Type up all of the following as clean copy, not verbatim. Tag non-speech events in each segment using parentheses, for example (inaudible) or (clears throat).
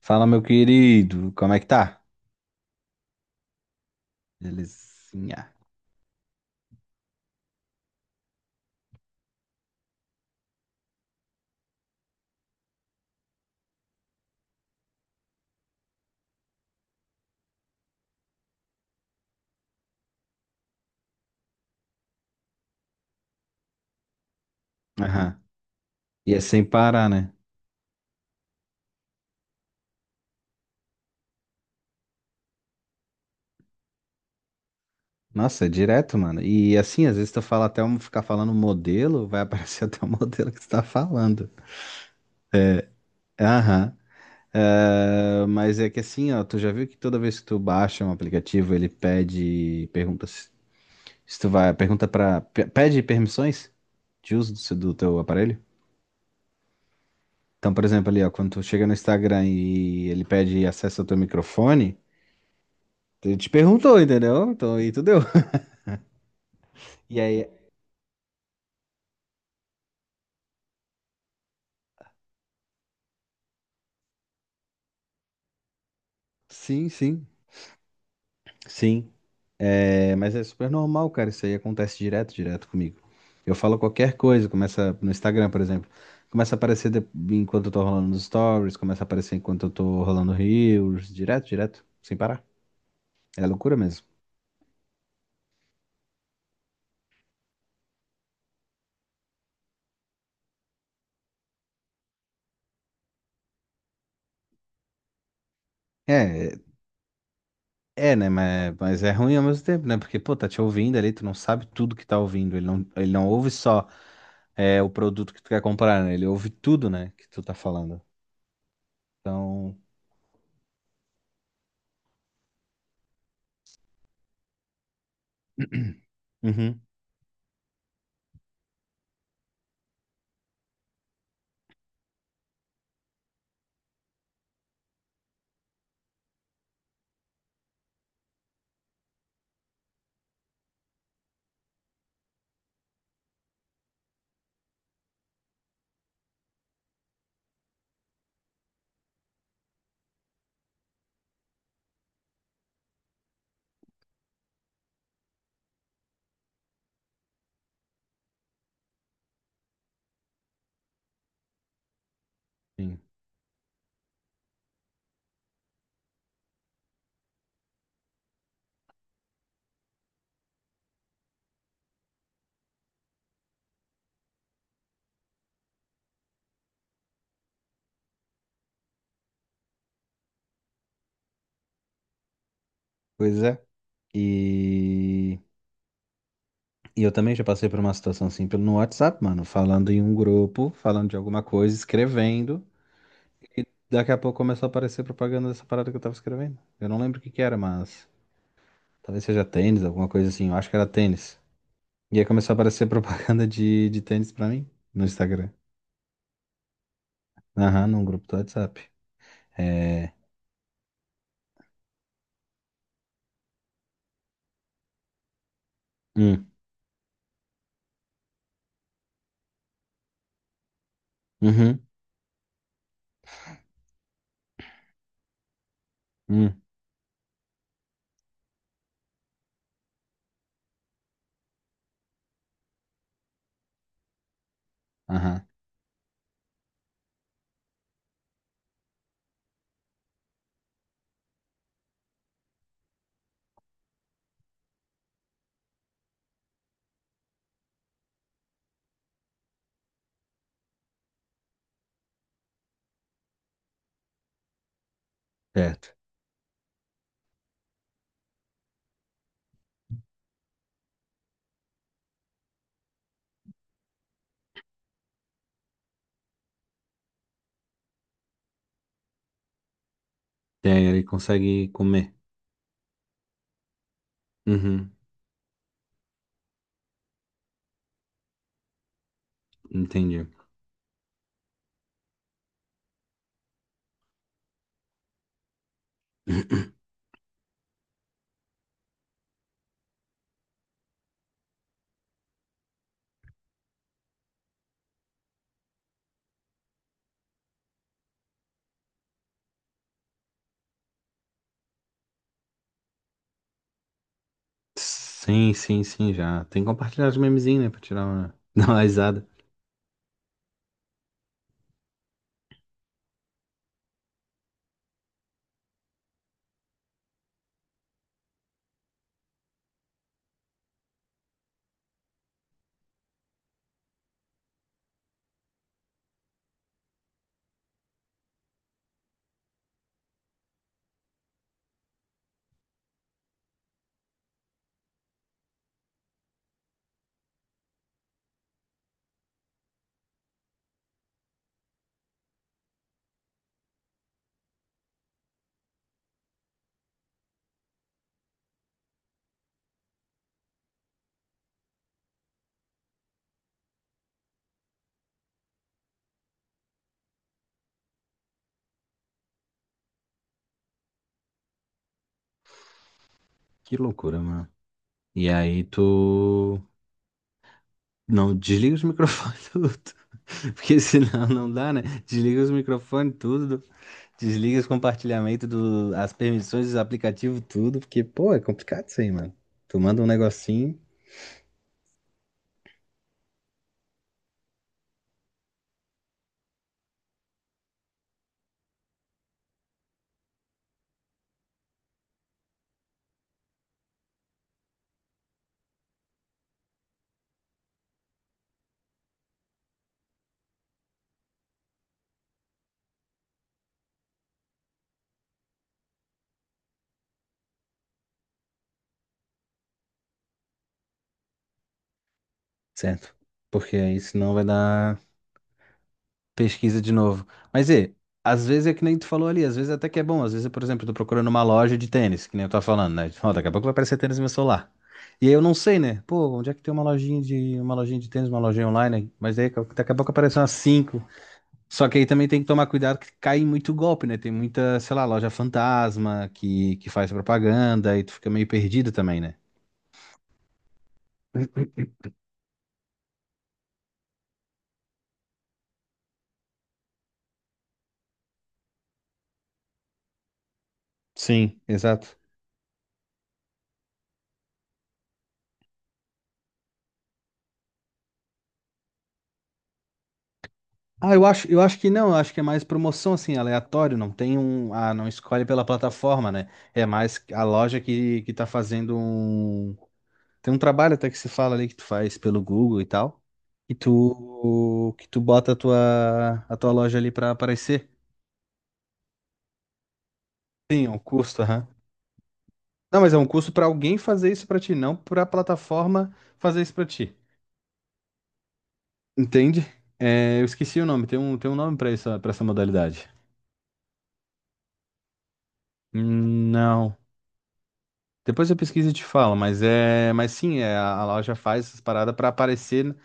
Fala, meu querido, como é que tá? Belezinha. Aham. E é sem parar, né? Nossa, é direto, mano. E assim, às vezes tu fala até um, ficar falando um modelo, vai aparecer (laughs) até o modelo que tu tá falando. Aham. É, mas é que assim, ó, tu já viu que toda vez que tu baixa um aplicativo, ele pede, pergunta se tu vai, pergunta pra, pede permissões de uso do teu aparelho? Então, por exemplo, ali, ó, quando tu chega no Instagram e ele pede acesso ao teu microfone. Ele te perguntou, entendeu? Então aí tu deu. (laughs) E aí, sim, sim, sim. É, mas é super normal, cara. Isso aí acontece direto, direto comigo. Eu falo qualquer coisa, começa no Instagram, por exemplo. Começa a aparecer de- enquanto eu tô rolando nos stories, começa a aparecer enquanto eu tô rolando reels, direto, direto, sem parar. É loucura mesmo. É, é, né? Mas é ruim ao mesmo tempo, né? Porque, pô, tá te ouvindo ali, tu não sabe tudo que tá ouvindo. Ele não ouve só, é, o produto que tu quer comprar, né? Ele ouve tudo, né, que tu tá falando. Então, (clears throat) Uhum. Sim. Pois é. E, e eu também já passei por uma situação assim pelo no WhatsApp, mano, falando em um grupo, falando de alguma coisa, escrevendo. Daqui a pouco começou a aparecer propaganda dessa parada que eu tava escrevendo. Eu não lembro o que que era, mas talvez seja tênis, alguma coisa assim. Eu acho que era tênis. E aí começou a aparecer (laughs) propaganda de tênis pra mim no Instagram. Aham, num grupo do WhatsApp. É. Hum, uhum, hum, aham, certo. E aí ele consegue comer. Uhum, entendi. (clears throat) Sim, sim, sim, já. Tem que compartilhar os memezinhos, né? Pra tirar uma, (laughs) dar uma risada. Que loucura, mano. E aí tu. Não, desliga os microfones (laughs) tudo. Porque senão não dá, né? Desliga os microfones tudo. Desliga os compartilhamentos, as permissões dos aplicativos, tudo. Porque, pô, é complicado isso aí, mano. Tu manda um negocinho, certo? Porque aí senão vai dar pesquisa de novo. Mas e, às vezes é que nem tu falou ali, às vezes até que é bom. Às vezes, por exemplo, eu tô procurando uma loja de tênis, que nem eu tava falando, né? Ó, daqui a pouco vai aparecer tênis no meu celular. E aí eu não sei, né? Pô, onde é que tem uma lojinha de tênis, uma lojinha online, né? Mas aí daqui a pouco aparecem umas cinco. Só que aí também tem que tomar cuidado que cai em muito golpe, né? Tem muita, sei lá, loja fantasma que faz propaganda e tu fica meio perdido também, né? Sim, exato. Ah, eu acho que não, eu acho que é mais promoção assim, aleatório, não tem um, não escolhe pela plataforma, né? É mais a loja que tá fazendo tem um trabalho até que se fala ali que tu faz pelo Google e tal, e tu que tu bota a tua loja ali pra aparecer. Sim, é um custo, aham. Não, mas é um custo pra alguém fazer isso pra ti, não pra plataforma fazer isso pra ti. Entende? É, eu esqueci o nome, tem um nome pra isso, para essa modalidade. Não. Depois eu pesquiso e te falo, mas é, mas sim, é, a loja faz essas paradas para aparecer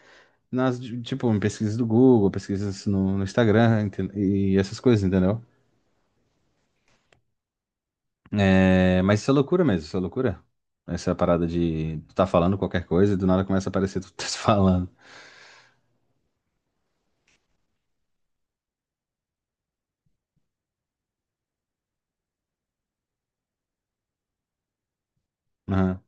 tipo, em pesquisas do Google, pesquisas no Instagram e essas coisas, entendeu? É, mas isso é loucura mesmo, isso é loucura. Essa parada de tu tá falando qualquer coisa e do nada começa a aparecer tu tá (laughs) falando. Aham,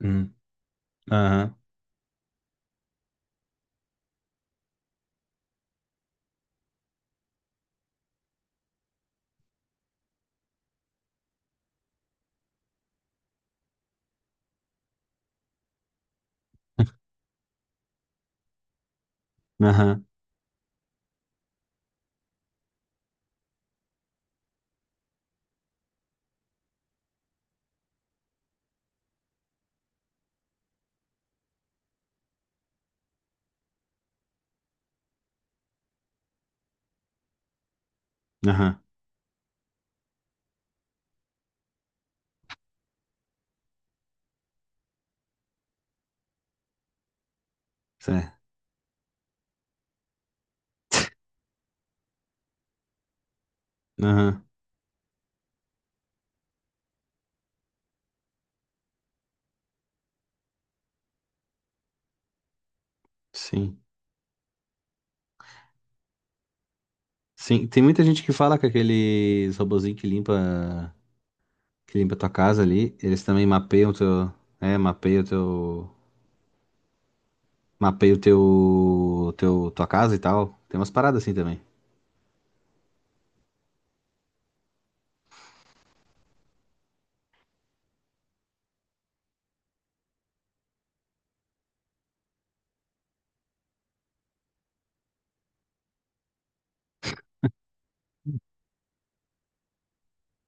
uhum, aham, aham, aham, certo, aham, sim. Sim, tem muita gente que fala que aqueles robozinho que limpa tua casa ali, eles também mapeiam teu, é, Mapei o tua casa e tal. Tem umas paradas assim também.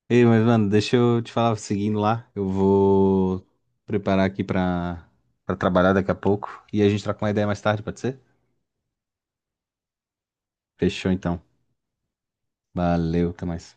Ei, mas, mano, deixa eu te falar, seguindo lá, eu vou preparar aqui pra trabalhar daqui a pouco. E a gente troca uma ideia mais tarde, pode ser? Fechou, então. Valeu, até mais.